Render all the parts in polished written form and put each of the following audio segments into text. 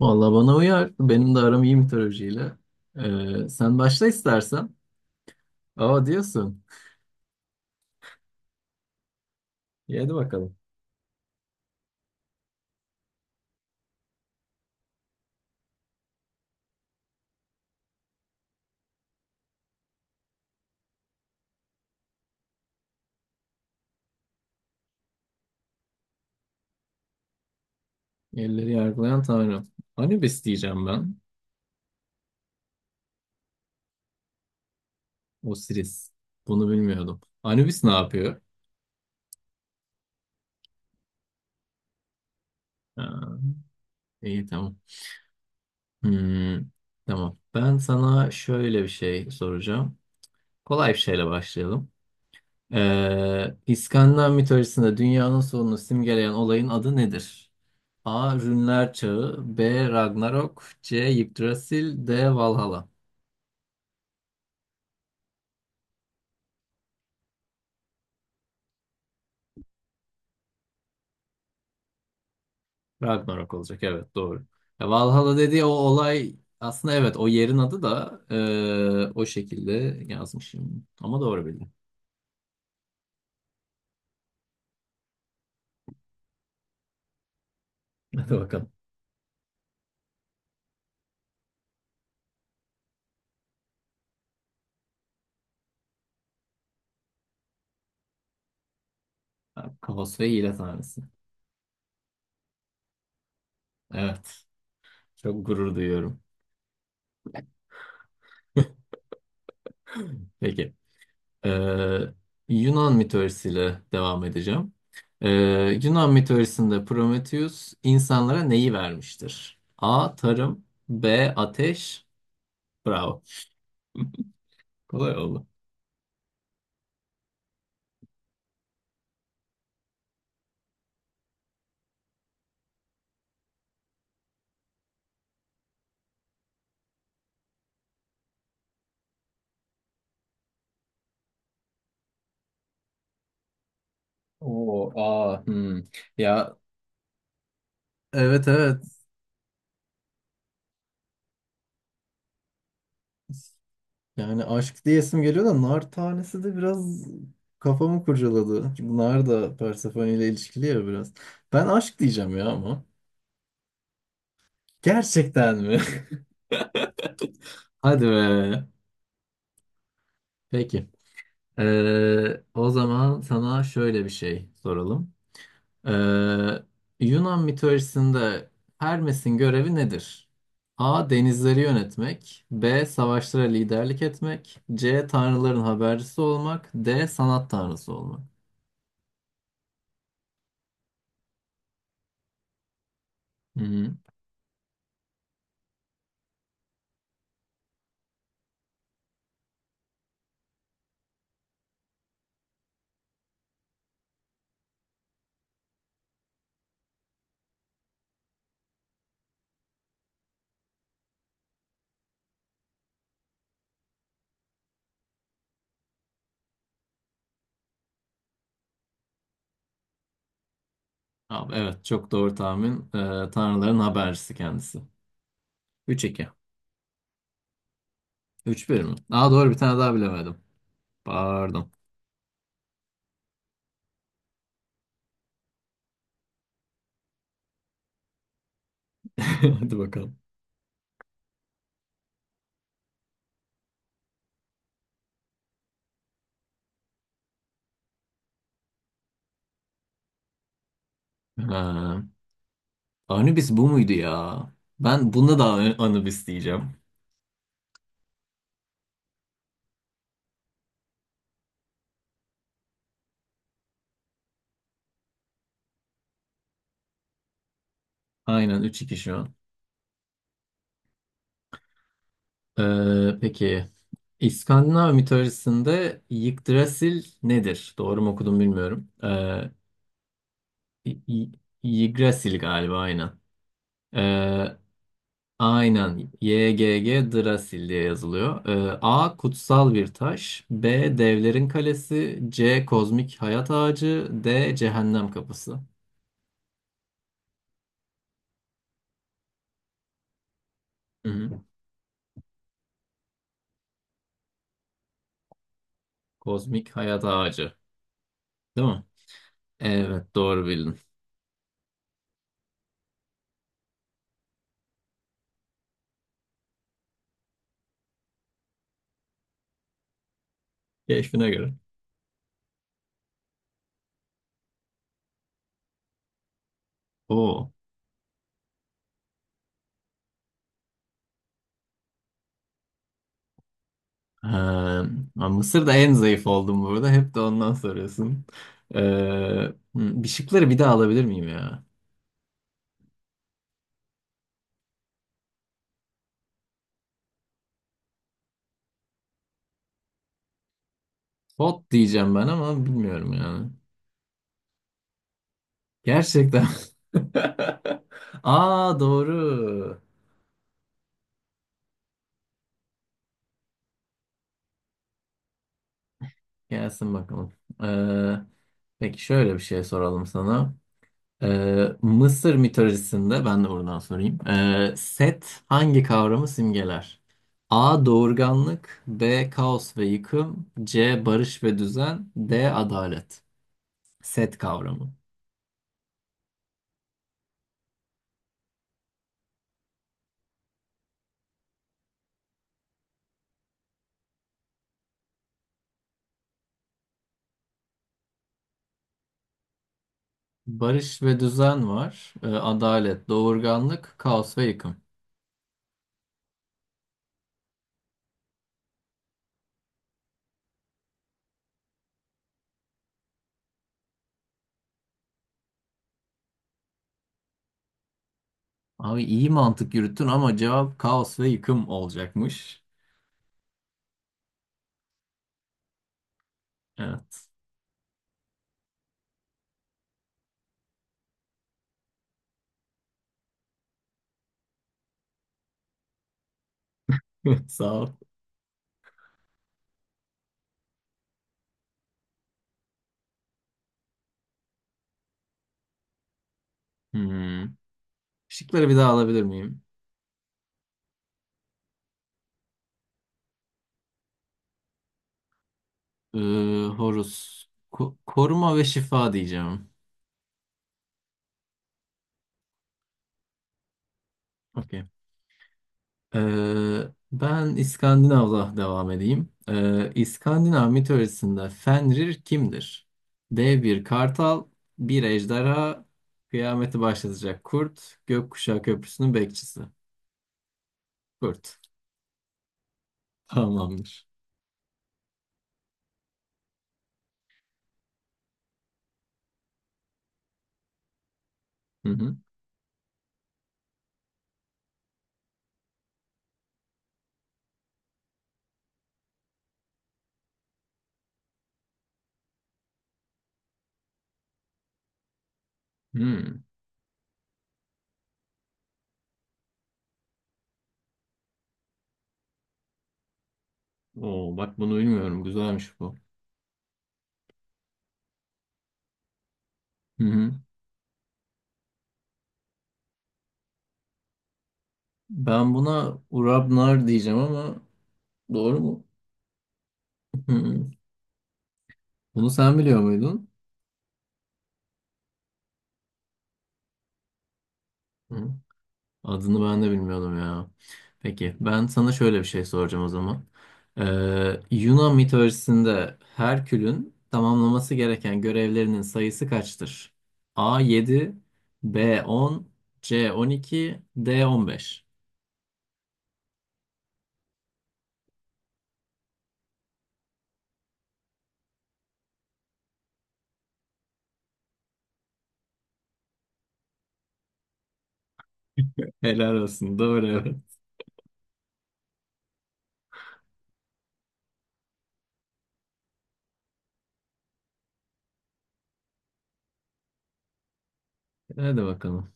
Vallahi bana uyar. Benim de aram iyi mitolojiyle. Sen başla istersen. Aa diyorsun. İyi, hadi bakalım. Yerleri yargılayan tanrı. Anubis diyeceğim ben. Osiris. Bunu bilmiyordum. Anubis ne yapıyor? Ha, iyi tamam. Hmm, tamam. Ben sana şöyle bir şey soracağım. Kolay bir şeyle başlayalım. İskandinav mitolojisinde dünyanın sonunu simgeleyen olayın adı nedir? A. Rünler Çağı B. Ragnarok C. Yggdrasil D. Valhalla. Ragnarok olacak, evet doğru. Ya, Valhalla dediği o olay aslında, evet, o yerin adı da o şekilde yazmışım. Ama doğru bildim. Hadi bakalım. Kaos ve hile tanrısı. Evet. Çok gurur duyuyorum. Peki. Ee, Yunan mitolojisiyle devam edeceğim. Ee, Yunan mitolojisinde Prometheus insanlara neyi vermiştir? A. Tarım B. Ateş. Bravo. Kolay oldu. Oo, aa, hmm. Ya, evet evet. Yani aşk diyesim geliyor da nar tanesi de biraz kafamı kurcaladı. Çünkü nar da Persephone ile ilişkili ya biraz. Ben aşk diyeceğim ya ama. Gerçekten mi? Hadi be. Peki. O zaman sana şöyle bir şey soralım. Ee, Yunan mitolojisinde Hermes'in görevi nedir? A. Denizleri yönetmek. B. Savaşlara liderlik etmek. C. Tanrıların habercisi olmak. D. Sanat tanrısı olmak. Hı-hı. Abi, evet çok doğru tahmin. Tanrıların habercisi kendisi. 3-2. 3-1 mi? Aa, doğru, bir tane daha bilemedim. Pardon. Hadi bakalım. Ha. Anubis bu muydu ya? Ben bunda da Anubis diyeceğim. Aynen, 3-2 şu an. Peki. İskandinav mitolojisinde Yggdrasil nedir? Doğru mu okudum bilmiyorum. Y- Y- Yggdrasil galiba, aynen. Ee, aynen. Yggdrasil diye yazılıyor. A. Kutsal bir taş. B. Devlerin kalesi. C. Kozmik hayat ağacı. D. Cehennem kapısı. Hı hı. Kozmik hayat ağacı. Değil mi? Evet, doğru bildin. Keşfine göre. Oo. Ha, Mısır'da en zayıf oldum burada. Hep de ondan soruyorsun. Hı, Bir şıkları bir daha alabilir miyim ya? Pot diyeceğim ben ama bilmiyorum yani. Gerçekten. Aa, doğru. Gelsin bakalım. Ee, peki, şöyle bir şey soralım sana. Mısır mitolojisinde ben de oradan sorayım. Set hangi kavramı simgeler? A. Doğurganlık B. Kaos ve yıkım C. Barış ve düzen D. Adalet. Set kavramı. Barış ve düzen var. Adalet, doğurganlık, kaos ve yıkım. Abi iyi mantık yürüttün ama cevap kaos ve yıkım olacakmış. Evet. Sağ ol. Hmm. Şıkları bir daha alabilir miyim? Ee, Horus. Koruma ve şifa diyeceğim. Okey. Ben İskandinav'la devam edeyim. İskandinav mitolojisinde Fenrir kimdir? Dev bir kartal, bir ejderha, kıyameti başlatacak kurt, gökkuşağı köprüsünün bekçisi. Kurt. Tamamdır. Hı hı. Hmm. Oo, bak, bunu bilmiyorum. Güzelmiş bu. Hı hı. Ben buna Urabnar diyeceğim ama, doğru mu? Hı hı. Bunu sen biliyor muydun? Hı. Adını ben de bilmiyordum ya. Peki, ben sana şöyle bir şey soracağım o zaman. Yunan mitolojisinde Herkül'ün tamamlaması gereken görevlerinin sayısı kaçtır? A 7, B 10, C 12, D 15. Helal olsun. Doğru, evet. Hadi bakalım.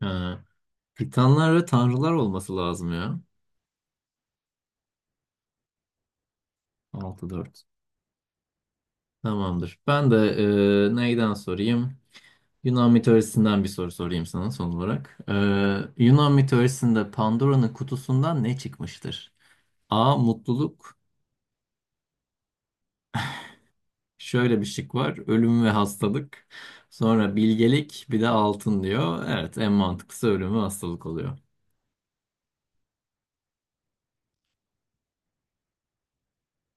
Ha, Titanlar ve tanrılar olması lazım ya. 6-4. Tamamdır. Ben de neyden sorayım? Yunan mitolojisinden bir soru sorayım sana son olarak. Yunan mitolojisinde Pandora'nın kutusundan ne çıkmıştır? A. Mutluluk. Şöyle bir şık var. Ölüm ve hastalık. Sonra bilgelik, bir de altın diyor. Evet, en mantıklısı ölüm ve hastalık oluyor.